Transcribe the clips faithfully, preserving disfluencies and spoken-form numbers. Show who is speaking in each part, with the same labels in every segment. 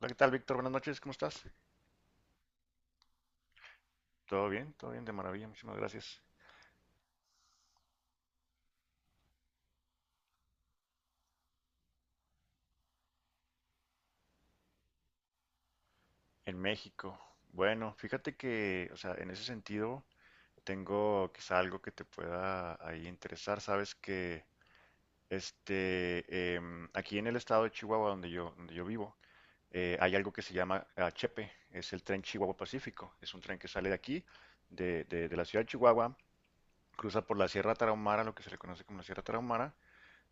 Speaker 1: Hola, ¿qué tal, Víctor? Buenas noches, ¿cómo estás? Todo bien, todo bien, de maravilla, muchísimas gracias. En México. Bueno, fíjate que, o sea, en ese sentido, tengo quizá algo que te pueda ahí interesar. Sabes que, este, em, aquí en el estado de Chihuahua, donde yo, donde yo vivo, eh, hay algo que se llama ah, Chepe, es el tren Chihuahua Pacífico. Es un tren que sale de aquí, de, de de la ciudad de Chihuahua, cruza por la Sierra Tarahumara, lo que se le conoce como la Sierra Tarahumara.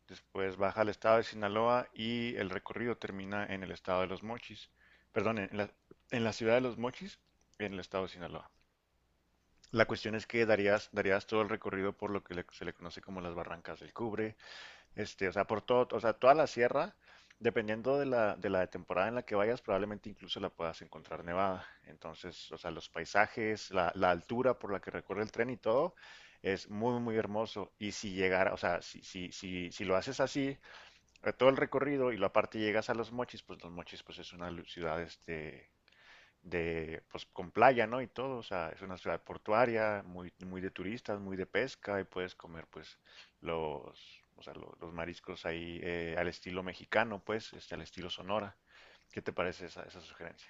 Speaker 1: Después baja al estado de Sinaloa y el recorrido termina en el estado de Los Mochis. Perdón, en la, en la ciudad de Los Mochis, en el estado de Sinaloa. La cuestión es que darías, darías todo el recorrido por lo que le- se le conoce como las barrancas del Cubre, este, o sea, por todo, o sea, toda la sierra, dependiendo de la, de la temporada en la que vayas, probablemente incluso la puedas encontrar nevada. Entonces, o sea, los paisajes, la, la altura por la que recorre el tren y todo, es muy, muy hermoso. Y si llegara, o sea, si, si, si, si lo haces así, eh, todo el recorrido y la parte llegas a Los Mochis, pues Los Mochis pues es una lu- ciudad este de pues con playa, ¿no? Y todo, o sea, es una ciudad portuaria, muy muy de turistas, muy de pesca y puedes comer pues los o sea, lo- los mariscos ahí eh, al estilo mexicano, pues, este, al estilo Sonora. ¿Qué te parece esa, esa sugerencia?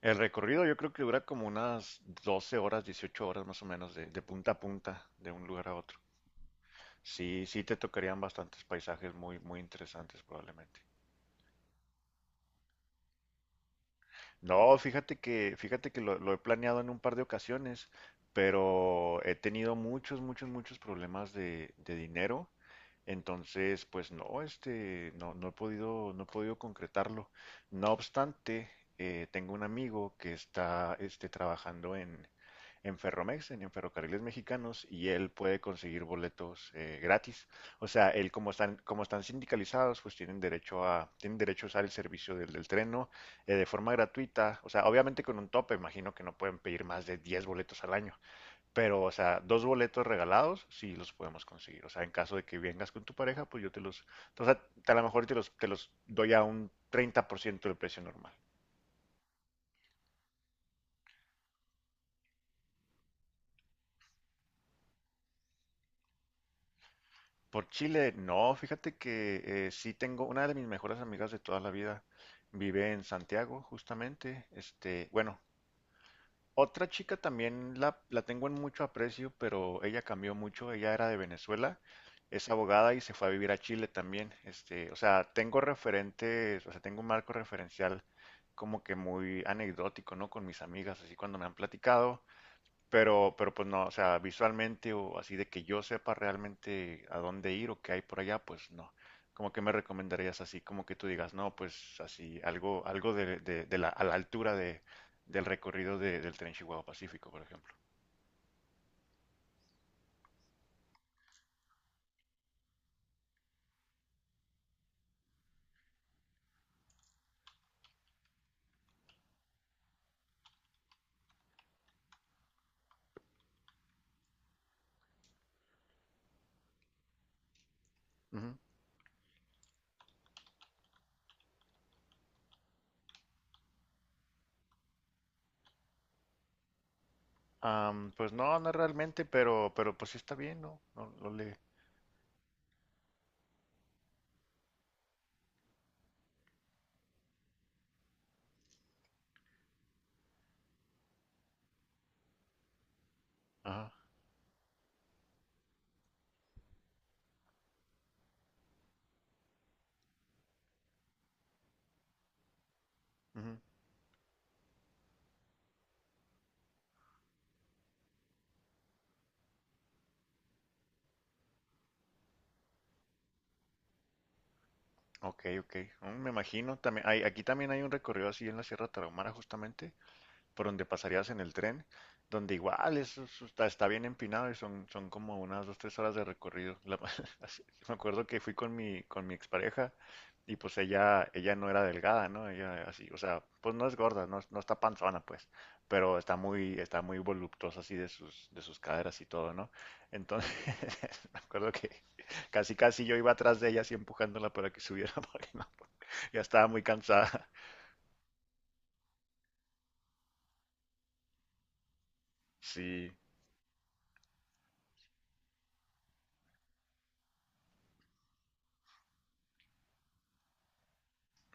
Speaker 1: El recorrido yo creo que dura como unas doce horas, dieciocho horas más o menos de, de punta a punta, de un lugar a otro. Sí, sí te tocarían bastantes paisajes muy, muy interesantes probablemente. No, fíjate que, fíjate que lo, lo he planeado en un par de ocasiones, pero he tenido muchos, muchos, muchos problemas de, de dinero. Entonces, pues no, este, no, no he podido, no he podido concretarlo. No obstante, eh, tengo un amigo que está, este, trabajando en, en Ferromex, en, en Ferrocarriles Mexicanos, y él puede conseguir boletos eh, gratis. O sea, él como están, como están sindicalizados, pues tienen derecho a, tienen derecho a usar el servicio del, del tren, ¿no? Eh, de forma gratuita, o sea, obviamente con un tope, imagino que no pueden pedir más de diez boletos al año, pero, o sea, dos boletos regalados sí los podemos conseguir, o sea, en caso de que vengas con tu pareja, pues yo te los, o sea, a lo mejor te los, te los doy a un treinta por ciento del precio normal. Por Chile, no, fíjate que eh, sí tengo una de mis mejores amigas de toda la vida, vive en Santiago, justamente, este, bueno, Otra chica también la, la tengo en mucho aprecio, pero ella cambió mucho. Ella era de Venezuela, es abogada y se fue a vivir a Chile también. Este, o sea, tengo referentes, o sea, tengo un marco referencial como que muy anecdótico, ¿no? Con mis amigas, así cuando me han platicado. Pero, pero pues no, o sea, visualmente o así de que yo sepa realmente a dónde ir o qué hay por allá, pues no. Como que me recomendarías así, como que tú digas, no, pues así, algo, algo de, de- de la, a la altura de, del recorrido de- del tren Chihuahua Pacífico, por ejemplo. Ujú. Am, pues no, no realmente, pero, pero pues sí está bien, ¿no? No, no le. Ajá. Ujú. Ok, ok. Mm, me imagino. También hay, aquí también hay un recorrido así en la Sierra Tarahumara, justamente, por donde pasarías en el tren, donde igual es- es- está, está bien empinado y son, son como unas dos, tres horas de recorrido. La- me acuerdo que fui con mi, con mi expareja y pues ella, ella no era delgada, ¿no? Ella así, o sea, pues no es gorda, no, no está panzona, pues, pero está muy, está muy voluptuosa así de sus, de sus caderas y todo, ¿no? Entonces, me acuerdo que casi, casi yo iba atrás de ella así empujándola para que subiera porque no, ya estaba muy cansada. Sí.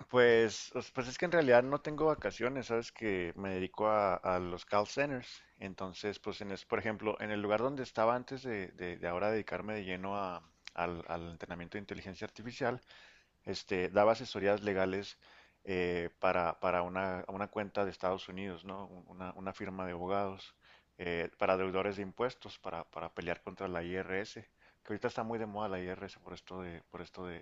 Speaker 1: Pues, os- pues es que en realidad no tengo vacaciones, sabes que me dedico a, a los call centers. Entonces, pues en es, por ejemplo, en el lugar donde estaba antes de, de- de ahora dedicarme de lleno a- al, al entrenamiento de inteligencia artificial, este, daba asesorías legales eh, para, para una, una cuenta de Estados Unidos, ¿no? Un- Una, una firma de abogados eh, para deudores de impuestos, para, para pelear contra la I R S, que ahorita está muy de moda la I R S por esto de, por esto de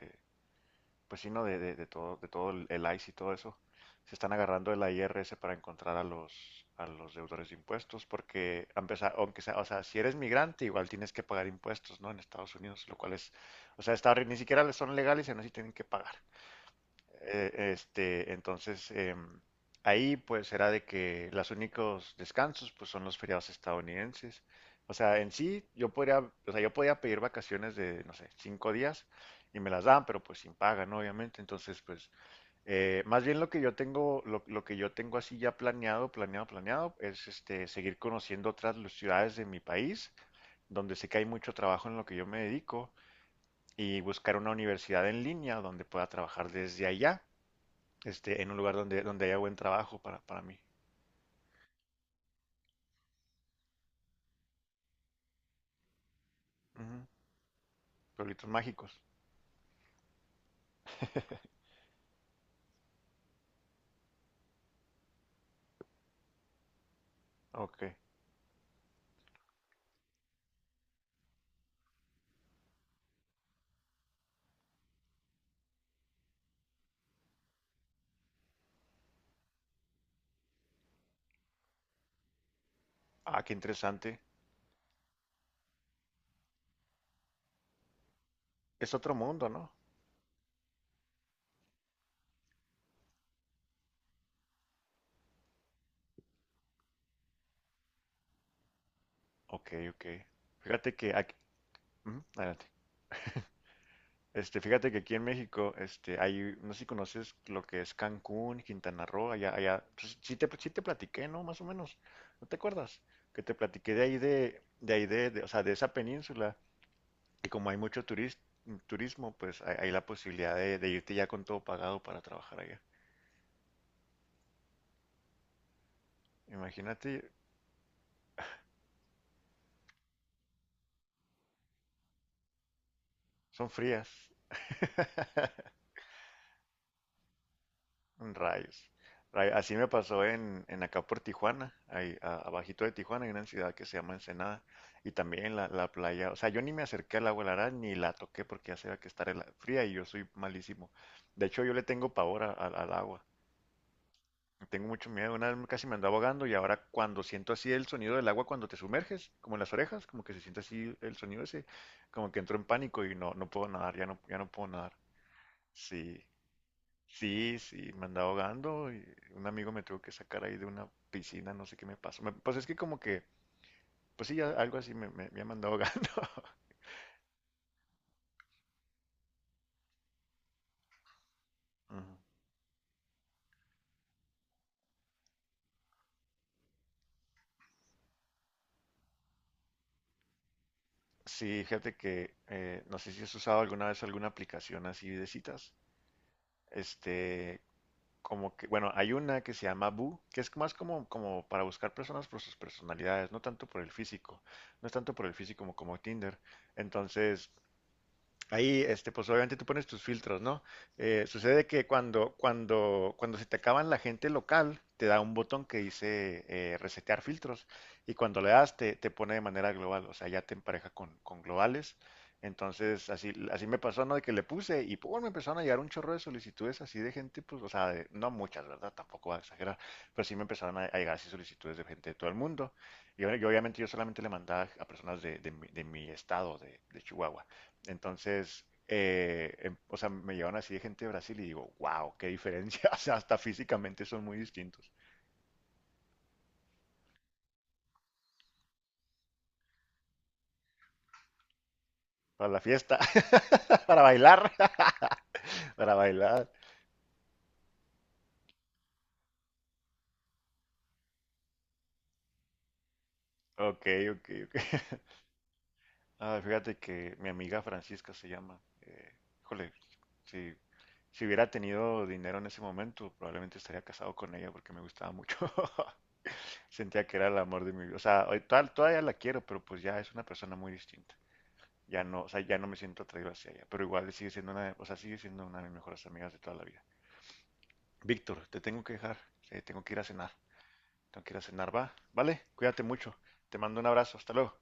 Speaker 1: pues sí, ¿no? De, de, de todo, de todo el, el ICE y todo eso, se están agarrando de la I R S para encontrar a los, a los deudores de impuestos, porque a empezar, aunque sea, o sea, si eres migrante, igual tienes que pagar impuestos, ¿no? En Estados Unidos, lo cual es, o sea, está, ni siquiera son legales y aún así tienen que pagar. Eh, este, entonces, em, ahí pues era de que los únicos descansos pues son los feriados estadounidenses. O sea, en sí yo podría, o sea, yo podía pedir vacaciones de, no sé, cinco días y me las dan, pero pues sin paga, ¿no? Obviamente. Entonces, pues, eh, más bien lo que yo tengo, lo, lo que yo tengo así ya planeado, planeado, planeado, es este, seguir conociendo otras lu- ciudades de mi país, donde sé que hay mucho trabajo en lo que yo me dedico, y buscar una universidad en línea donde pueda trabajar desde allá este, en un lugar donde, donde haya buen trabajo para, para mí. Ujú. Pueblitos mágicos. Ok. Ah, qué interesante. Es otro mundo, ¿no? Ok, ok. Fíjate que aquí, ujú, adelante. Este, fíjate que aquí en México, este, hay, no sé si conoces lo que es Cancún, Quintana Roo, allá, allá, pues, sí te, sí te platiqué, ¿no? Más o menos. ¿No te acuerdas? Que te platiqué de ahí de, de ahí de, de- o sea, de esa península. Y como hay mucho turis- turismo, pues hay, hay la posibilidad de, de irte ya con todo pagado para trabajar allá. Imagínate. Son frías. Rayos. Ray- Así me pasó en, en acá por Tijuana, ahí a- abajito de Tijuana hay una ciudad que se llama Ensenada y también la, la playa, o sea, yo ni me acerqué al agua helada ni la toqué porque ya sabía que estar fría y yo soy malísimo. De hecho, yo le tengo pavor a- a- al agua, tengo mucho miedo, una vez casi me ando ahogando y ahora cuando siento así el sonido del agua cuando te sumerges, como en las orejas, como que se siente así el sonido ese, como que entro en pánico y no, no puedo nadar, ya no, ya no puedo nadar. Sí. Sí, sí, me andaba ahogando y un amigo me tuvo que sacar ahí de una piscina, no sé qué me pasó. Me- pues es que como que, pues sí, ya algo así me, me, me andado ahogando. Ujú. Sí, fíjate que eh, no sé si has usado alguna vez alguna aplicación así de citas. Este, como que, bueno, hay una que se llama Boo, que es más como, como para buscar personas por sus personalidades, no tanto por el físico, no es tanto por el físico como, como Tinder. Entonces, ahí, este, pues obviamente tú pones tus filtros, ¿no? Eh, sucede que cuando, cuando, cuando se te acaban la gente local, te da un botón que dice eh, resetear filtros y cuando le das te, te pone de manera global, o sea, ya te empareja con, con globales. Entonces, así, así me pasó, ¿no? De que le puse y pues me empezaron a llegar un chorro de solicitudes así de gente, pues, o sea, de- no muchas, ¿verdad? Tampoco voy a exagerar, pero sí me empezaron a, a llegar así solicitudes de gente de todo el mundo. Y yo, yo, obviamente yo solamente le mandaba a personas de, de mi, de mi estado, de de Chihuahua. Entonces, eh, em- o sea, me llevan así de gente de Brasil y digo, wow, qué diferencia. O sea, hasta físicamente son muy distintos. Para la fiesta, para bailar, para bailar. Ok, ok, ok. Ah, fíjate que mi amiga Francisca se llama. Eh, híjole, si, si hubiera tenido dinero en ese momento, probablemente estaría casado con ella porque me gustaba mucho. Sentía que era el amor de mi vida. O sea, hoy tal- todavía la quiero, pero pues ya es una persona muy distinta. Ya no, o sea, ya no me siento atraído hacia ella, pero igual sigue siendo una, o sea, sigue siendo una de mis mejores amigas de toda la vida. Víctor, te tengo que dejar, eh, tengo que ir a cenar, tengo que ir a cenar, va, vale, cuídate mucho, te mando un abrazo, hasta luego.